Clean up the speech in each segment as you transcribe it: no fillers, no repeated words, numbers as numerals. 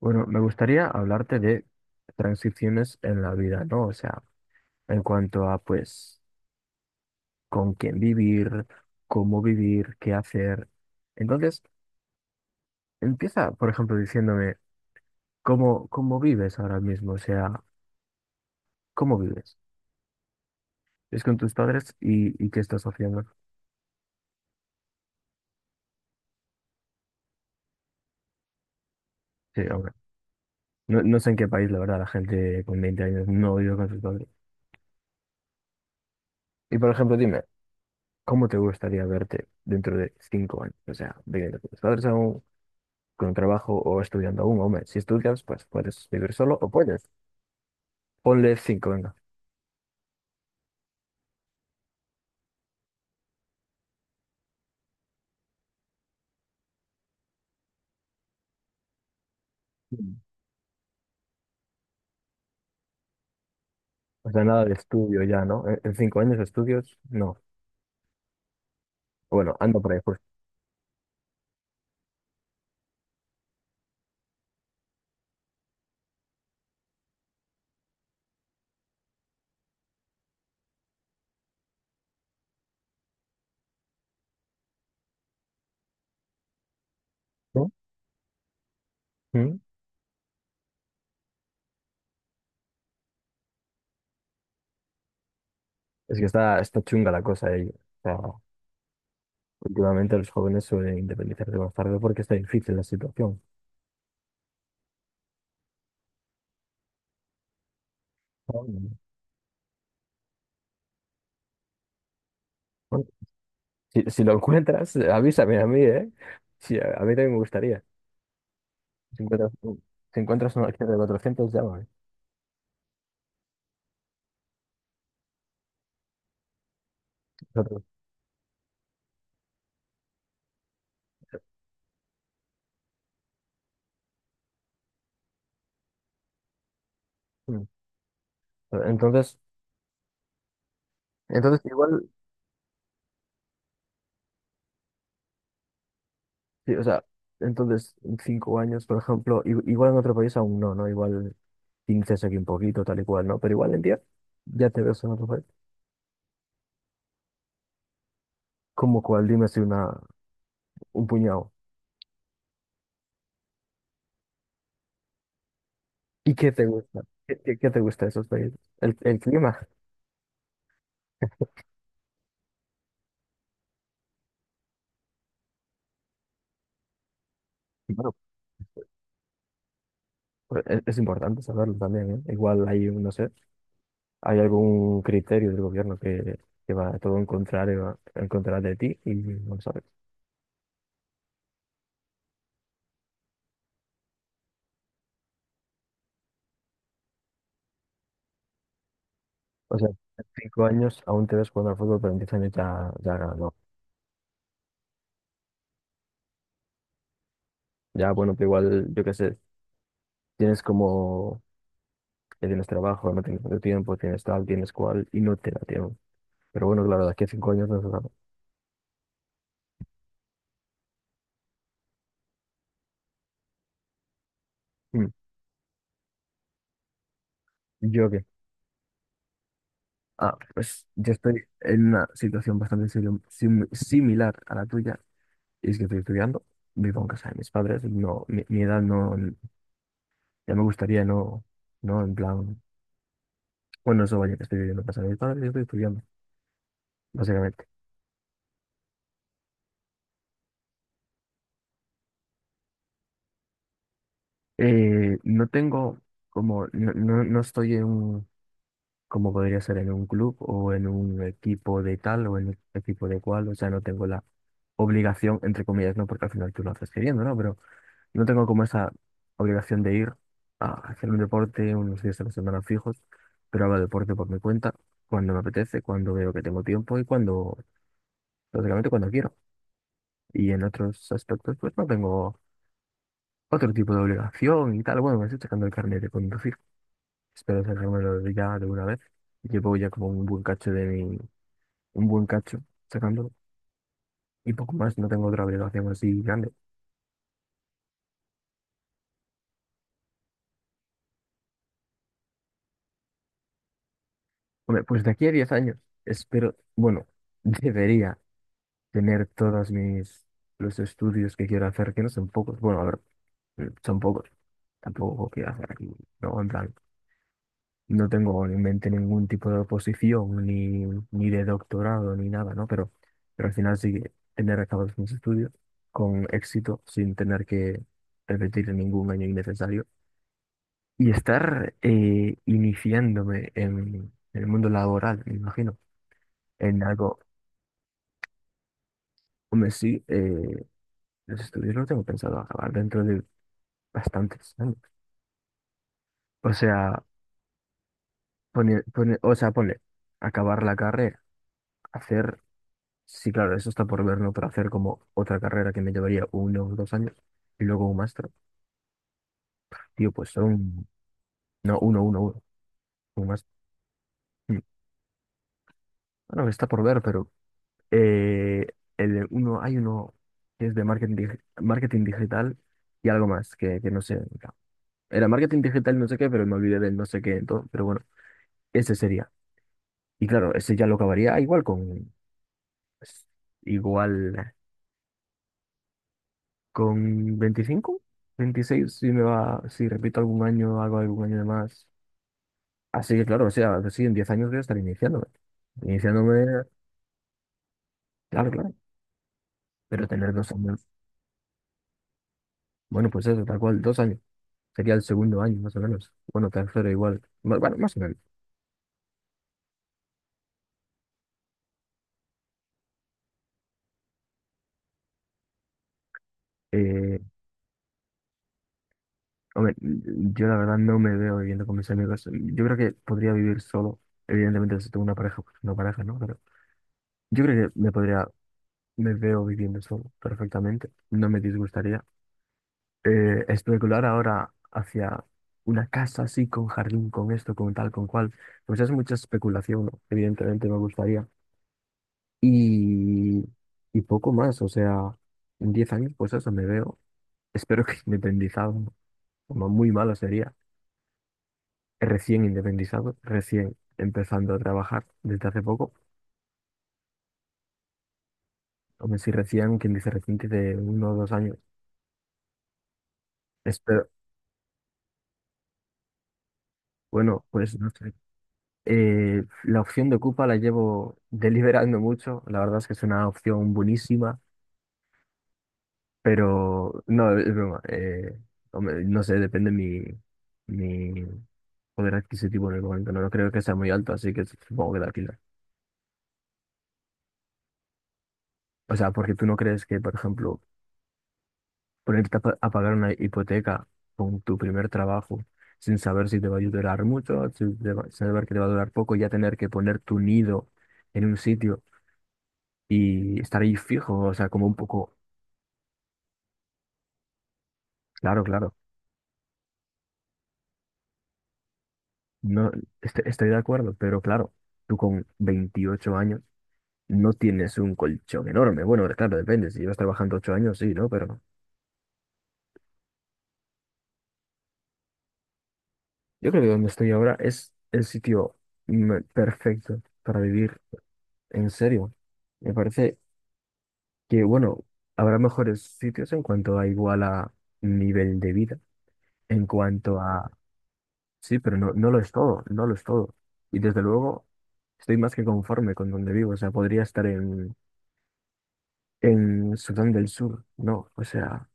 Bueno, me gustaría hablarte de transiciones en la vida, ¿no? O sea, en cuanto a, pues, con quién vivir, cómo vivir, qué hacer. Entonces, empieza, por ejemplo, diciéndome cómo vives ahora mismo, o sea, cómo vives. ¿Es con tus padres y qué estás haciendo? Sí, hombre. No, no sé en qué país, la verdad, la gente con 20 años no vive con sus padres. Y, por ejemplo, dime, ¿cómo te gustaría verte dentro de 5 años? O sea, viviendo con tus padres aún, con un trabajo o estudiando aún, hombre. Si estudias, pues puedes vivir solo o puedes. Ponle cinco, venga. Mm. O sea, nada de estudio ya, ¿no? En 5 años de estudios, no. Bueno, ando por ahí, pues. ¿No? ¿Mm? Es que está chunga la cosa ahí. O sea, últimamente los jóvenes suelen independizarse más tarde porque está difícil la situación. Ah, bueno. Bueno, si, si lo encuentras, avísame a mí, ¿eh? Sí, a mí también me gustaría. Si encuentras, si encuentras una acción de 400, llámame. Nosotros. Mm. Entonces, entonces igual. Sí, o sea, entonces, en cinco años, por ejemplo, igual en otro país aún no, ¿no? Igual 15 es aquí un poquito, tal y cual, ¿no? Pero igual en 10 ya te ves en otro país. ¿Cómo cuál? Dime si una, un puñado. ¿Y qué te gusta? ¿¿Qué te gusta de esos países? El clima. Y, bueno, pues, es importante saberlo también, ¿eh? Igual hay, no sé, hay algún criterio del gobierno que va todo en contrario, en contra de ti y no lo sabes. O sea, en 5 años aún te ves jugando al fútbol, pero en 10 años ya, ya no. Ya, bueno, pero igual, yo qué sé, tienes como, ya tienes trabajo, no tienes tanto tiempo, tienes tal, tienes cual, y no te da tiempo. Pero bueno, claro, de aquí a 5 años no se sabe. Mm. ¿Yo qué? Ah, pues yo estoy en una situación bastante similar a la tuya, y es que estoy estudiando, vivo en casa de mis padres, no, mi edad no, ya me gustaría, no, no, en plan, bueno, eso vaya, que estoy viviendo en casa de mis padres y estoy estudiando, básicamente. No tengo, como, no, no, no estoy en un como podría ser en un club o en un equipo de tal o en un equipo de cual, o sea, no tengo la obligación, entre comillas, no, porque al final tú lo haces queriendo, ¿no? Pero no tengo como esa obligación de ir a hacer un deporte unos días a la semana fijos, pero hago deporte por mi cuenta, cuando me apetece, cuando veo que tengo tiempo y cuando, básicamente cuando quiero. Y en otros aspectos, pues no tengo otro tipo de obligación y tal. Bueno, me estoy sacando el carnet de conducir, espero sacármelo ya de una vez. Llevo ya como un buen cacho sacándolo y poco más, no tengo otra obligación así grande. Hombre, pues de aquí a 10 años espero, bueno, debería tener todos mis los estudios que quiero hacer, que no son pocos, bueno, a ver, son pocos, tampoco quiero hacer aquí, no, en plan, no tengo en mente ningún tipo de oposición, ni de doctorado, ni nada, ¿no? Pero al final sí que tener acabados mis estudios con éxito, sin tener que repetir ningún año innecesario. Y estar iniciándome en el mundo laboral, me imagino, en algo. Hombre, sí, los estudios los tengo pensado acabar dentro de bastantes años. O sea, o sea, ponle, acabar la carrera, hacer, sí, claro, eso está por ver, ¿no? Pero hacer como otra carrera que me llevaría 1 o 2 años y luego un máster. Tío, pues son, no, un máster. Mm. Bueno, está por ver, pero eh, el, uno, hay uno que es de marketing, marketing digital y algo más, que no sé. Claro. Era marketing digital, no sé qué, pero me olvidé del no sé qué, entonces, pero bueno, ese sería. Y claro, ese ya lo acabaría igual con, pues, igual con 25 26 si me va, si repito algún año, hago algún año de más. Así que claro, o sea, pues sí, en 10 años voy a estar iniciándome. Iniciándome, claro, claro, pero tener 2 años, bueno, pues eso, tal cual, 2 años. Sería el segundo año, más o menos. Bueno, tercero igual. Bueno, más o menos. Eh, Hombre, yo la verdad no me veo viviendo con mis amigos. Yo creo que podría vivir solo. Evidentemente, si tengo una pareja, pues una pareja, ¿no? Pero yo creo que me podría, me veo viviendo solo perfectamente. No me disgustaría. Especular ahora hacia una casa así, con jardín, con esto, con tal, con cual, pues es mucha especulación, ¿no? Evidentemente me gustaría. Y, y poco más, o sea, en 10 años, pues eso me veo. Espero que independizado, como muy malo sería, recién independizado, recién empezando a trabajar desde hace poco, o si recién, quien dice reciente, de 1 o 2 años. Espero, bueno, pues no sé. La opción de Ocupa la llevo deliberando mucho, la verdad es que es una opción buenísima, pero no, es broma, hombre, no sé, depende mi, mi poder adquisitivo en el momento, no, no creo que sea muy alto, así que supongo que la alquiler. O sea, porque tú no crees que, por ejemplo, ponerte a a pagar una hipoteca con tu primer trabajo sin saber si te va a durar mucho, si te saber que te va a durar poco, ya tener que poner tu nido en un sitio y estar ahí fijo, o sea, como un poco, claro, claro, no estoy de acuerdo, pero claro, tú con 28 años no tienes un colchón enorme. Bueno, claro, depende, si llevas trabajando 8 años, sí, ¿no? Pero yo creo que donde estoy ahora es el sitio perfecto para vivir, en serio. Me parece que bueno, habrá mejores sitios en cuanto a igual a nivel de vida, en cuanto a... Sí, pero no, no lo es todo, no lo es todo. Y desde luego estoy más que conforme con donde vivo, o sea, podría estar en Sudán del Sur, no, o sea,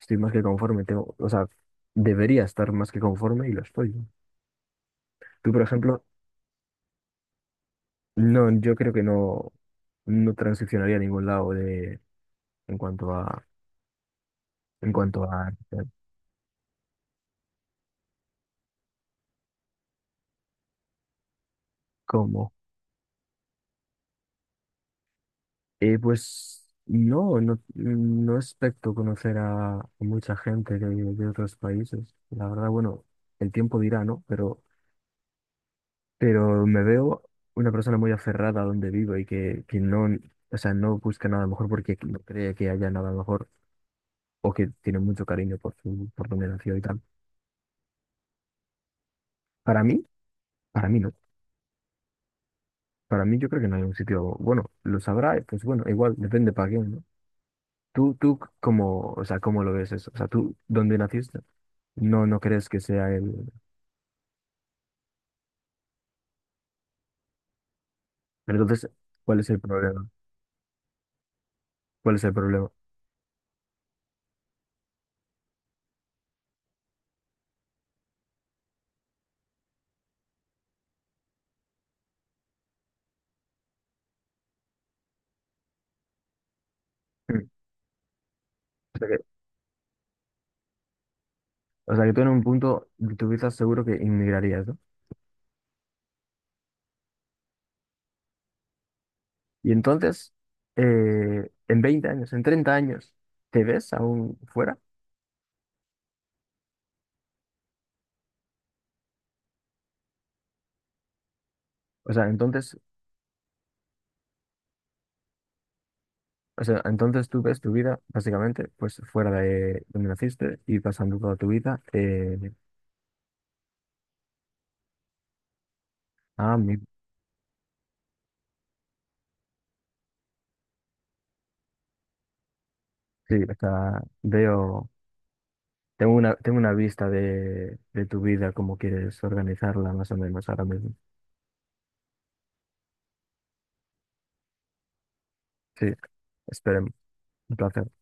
estoy más que conforme, tengo, o sea, debería estar más que conforme y lo estoy. ¿No? Tú, por ejemplo, no, yo creo que no, no transicionaría a ningún lado de, en cuanto a, en cuanto a, ¿cómo? Pues no, no, no expecto conocer a mucha gente de, otros países. La verdad, bueno, el tiempo dirá, ¿no? Pero me veo una persona muy aferrada a donde vivo y que no, o sea, no busca nada mejor porque no cree que haya nada mejor o que tiene mucho cariño por su, por donde nació y tal. Para mí, para mí no. Para mí yo creo que no hay un sitio, bueno, lo sabrá, y pues bueno, igual, depende para quién, ¿no? Tú, ¿cómo, o sea, cómo lo ves eso? O sea, tú, ¿dónde naciste? No, no crees que sea él. Pero entonces, ¿cuál es el problema? ¿Cuál es el problema? Mm. O sea que, o sea que tú en un punto de tu vida seguro que inmigrarías, ¿no? Y entonces, en 20 años, en 30 años, ¿te ves aún fuera? O sea, entonces, o sea, entonces tú ves tu vida básicamente pues fuera de donde naciste y pasando toda tu vida. Ah, mi- sí, o sea, veo, tengo una vista de tu vida, cómo quieres organizarla más o menos ahora mismo. Sí, esperemos. Un placer.